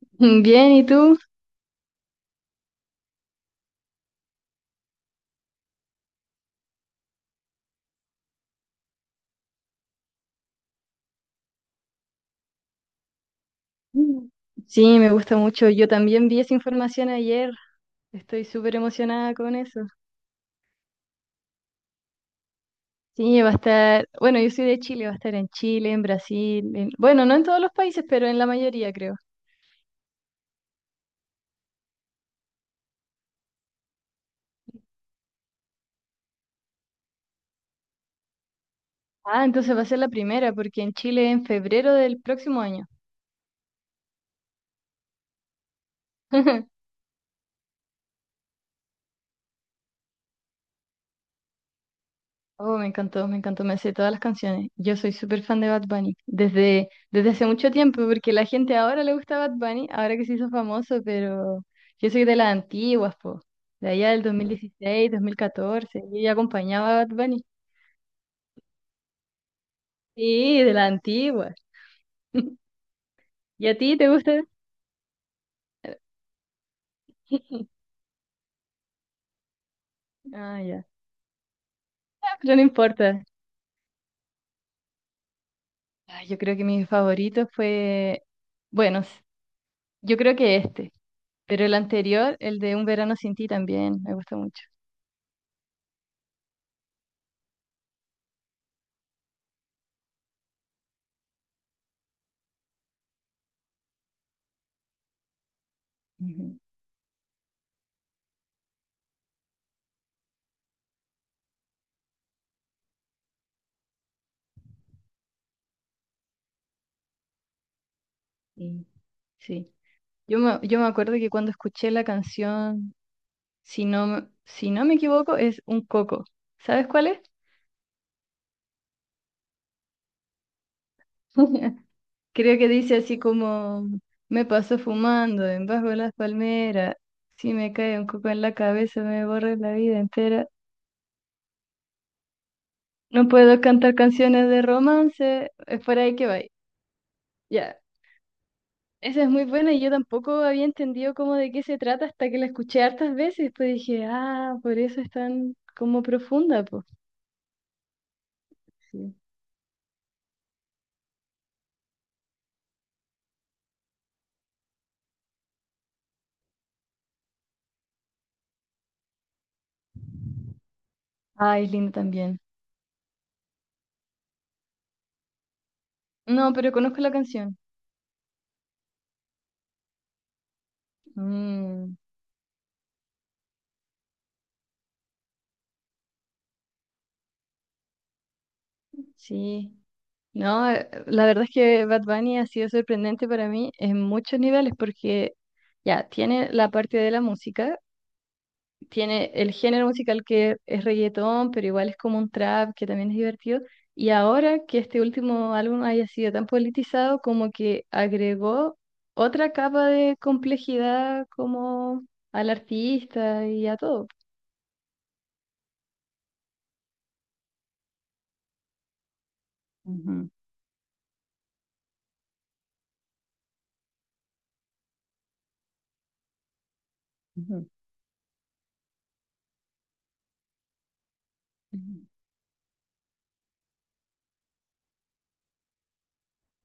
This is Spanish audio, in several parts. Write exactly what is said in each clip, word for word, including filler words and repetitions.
Bien, ¿y tú? Mm. Sí, me gusta mucho. Yo también vi esa información ayer. Estoy súper emocionada con eso. Sí, va a estar, bueno, yo soy de Chile, va a estar en Chile, en Brasil, en- bueno, no en todos los países, pero en la mayoría creo. Ah, entonces va a ser la primera, porque en Chile en febrero del próximo año. Oh, me encantó, me encantó, me sé todas las canciones. Yo soy súper fan de Bad Bunny desde, desde hace mucho tiempo, porque la gente ahora le gusta Bad Bunny, ahora que se hizo famoso, pero yo soy de las antiguas, po, de allá del dos mil dieciséis, dos mil catorce, yo ya acompañaba a Bad Bunny. Sí, de las antiguas. ¿Y a ti te gusta? Ah, ya. Ah, pero no importa. Ah, yo creo que mi favorito fue, bueno, s- yo creo que este, pero el anterior, el de Un verano sin ti también, me gusta mucho. Sí, sí. Yo me, yo me acuerdo que cuando escuché la canción, si no, me- si no me equivoco, es Un Coco. ¿Sabes cuál es? Creo que dice así como, me paso fumando en bajo las palmeras, si me cae un coco en la cabeza me borra la vida entera. No puedo cantar canciones de romance, es por ahí que va. Ya, esa es muy buena y yo tampoco había entendido cómo de qué se trata hasta que la escuché hartas veces, pues dije, ah, por eso es tan como profunda, pues. Sí. Ay, es lindo también. No, pero conozco la canción. Mm, sí. No, eh, la verdad es que Bad Bunny ha sido sorprendente para mí en muchos niveles porque ya tiene la parte de la música, tiene el género musical que es reggaetón, pero igual es como un trap que también es divertido. Y ahora que este último álbum haya sido tan politizado, como que agregó otra capa de complejidad como al artista y a todo. Ujú, ujú. Ujú.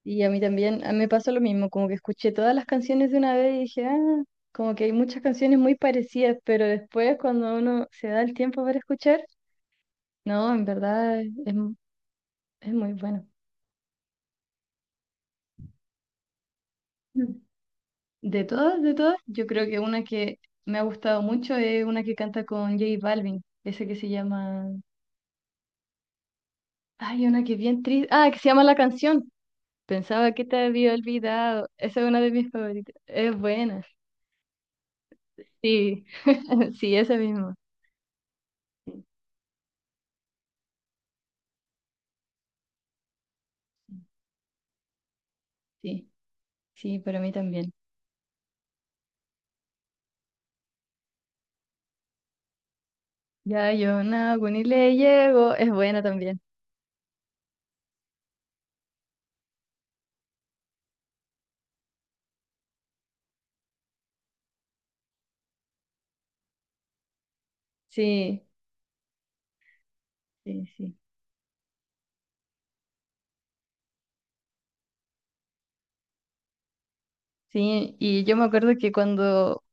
Y a mí también, a mí me pasó lo mismo, como que escuché todas las canciones de una vez y dije, ah, como que hay muchas canciones muy parecidas, pero después cuando uno se da el tiempo para escuchar, no, en verdad es, es mu- es muy bueno. Mm. De todas, de todas, yo creo que una que me ha gustado mucho es una que canta con J Balvin, ese que se llama, ay, una que es bien triste, ah, que se llama La Canción. Pensaba que te había olvidado. Esa es una de mis favoritas. Es buena. Sí, sí, esa misma. Sí. Sí, para mí también. Ya yo no, ni le llego, es buena también. Sí, sí, sí. Sí, y yo me acuerdo que cuando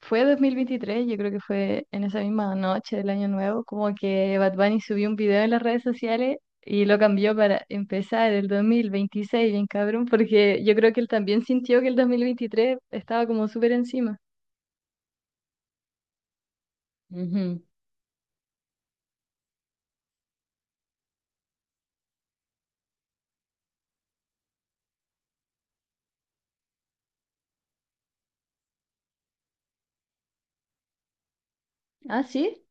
fue dos mil veintitrés, yo creo que fue en esa misma noche del Año Nuevo, como que Bad Bunny subió un video en las redes sociales y lo cambió para empezar el dos mil veintiséis, bien cabrón, porque yo creo que él también sintió que el dos mil veintitrés estaba como súper encima. Ujú. Ah, sí.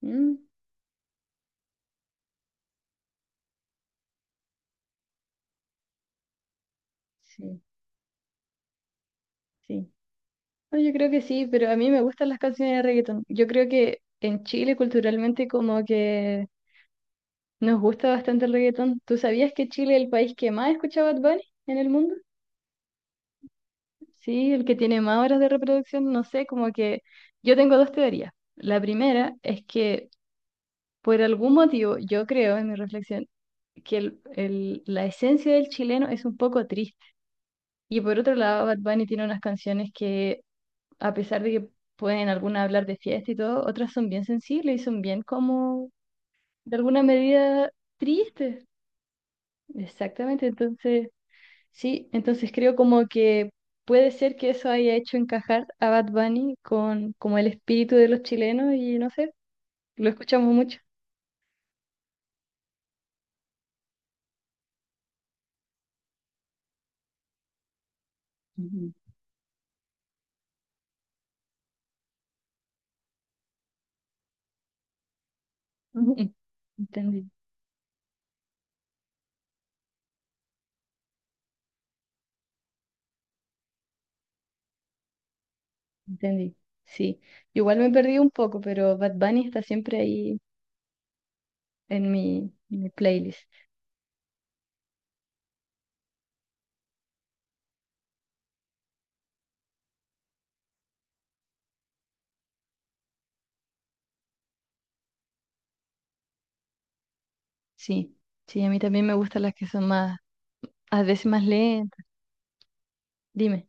Mm, sí, sí. No, yo creo que sí, pero a mí me gustan las canciones de reggaetón. Yo creo que en Chile culturalmente como que nos gusta bastante el reggaetón. ¿Tú sabías que Chile es el país que más escucha Bad Bunny en el mundo? Sí, el que tiene más horas de reproducción, no sé, como que yo tengo dos teorías. La primera es que por algún motivo, yo creo en mi reflexión, que el- el- la esencia del chileno es un poco triste. Y por otro lado, Bad Bunny tiene unas canciones que a pesar de que pueden algunas hablar de fiesta y todo, otras son bien sensibles y son bien como, de alguna medida, tristes. Exactamente, entonces, sí, entonces creo como que puede ser que eso haya hecho encajar a Bad Bunny con como el espíritu de los chilenos y no sé, lo escuchamos mucho. Ujú. Ujú. Entendí, entendí. Sí, igual me perdí un poco, pero Bad Bunny está siempre ahí en mi, en mi playlist. Sí, sí, a mí también me gustan las que son más a veces más lenta. Dime.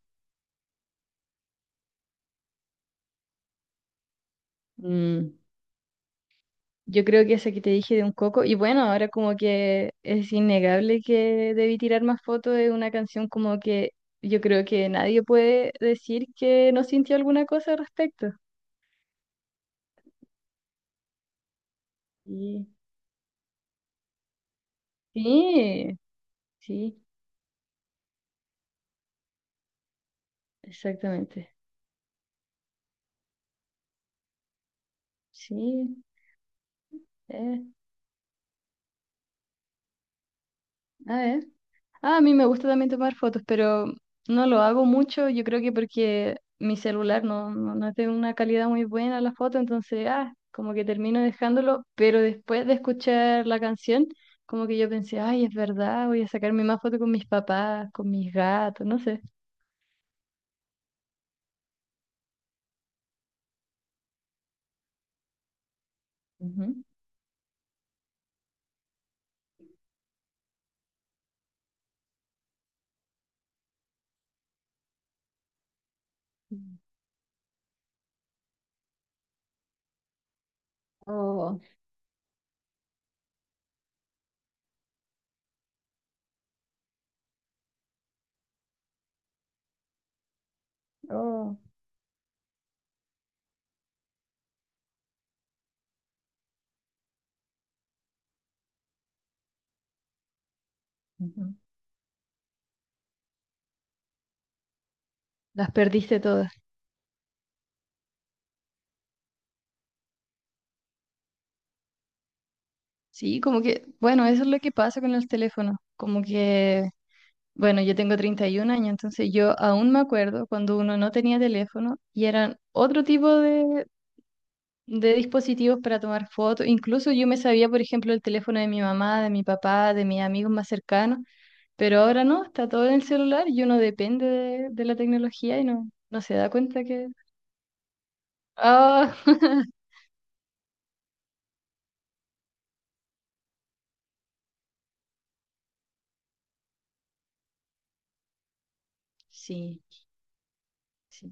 Mm, yo creo que esa que te dije de un coco, y bueno, ahora como que es innegable que debí tirar más fotos de una canción como que yo creo que nadie puede decir que no sintió alguna cosa al respecto. Sí. Sí, sí, exactamente. Sí, eh, a ver. Ah, a mí me gusta también tomar fotos, pero no lo hago mucho. Yo creo que porque mi celular no, no, no tiene una calidad muy buena la foto, entonces, ah, como que termino dejándolo. Pero después de escuchar la canción, como que yo pensé, ay, es verdad, voy a sacarme más fotos con mis papás, con mis gatos, no sé. Ujú. Oh, oh. Ujú. Las perdiste todas. Sí, como que, bueno, eso es lo que pasa con los teléfonos. Como que bueno, yo tengo treinta y un años, entonces yo aún me acuerdo cuando uno no tenía teléfono y eran otro tipo de, de dispositivos para tomar fotos. Incluso yo me sabía, por ejemplo, el teléfono de mi mamá, de mi papá, de mis amigos más cercanos, pero ahora no, está todo en el celular y uno depende de, de la tecnología y no, no se da cuenta que... Ah, sí, sí.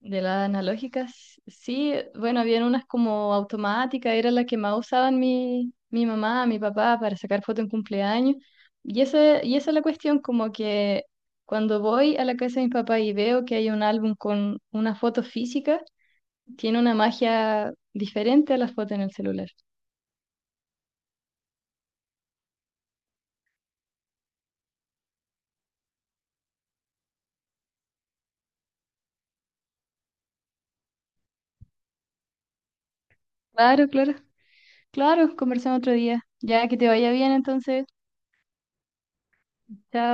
De las analógicas, sí, bueno, habían unas como automáticas, era la que más usaban mi, mi mamá, mi papá para sacar fotos en cumpleaños. Y, ese, y esa es la cuestión, como que cuando voy a la casa de mi papá y veo que hay un álbum con una foto física, tiene una magia diferente a las fotos en el celular. Claro, claro, claro, conversamos otro día. Ya que te vaya bien entonces, chao.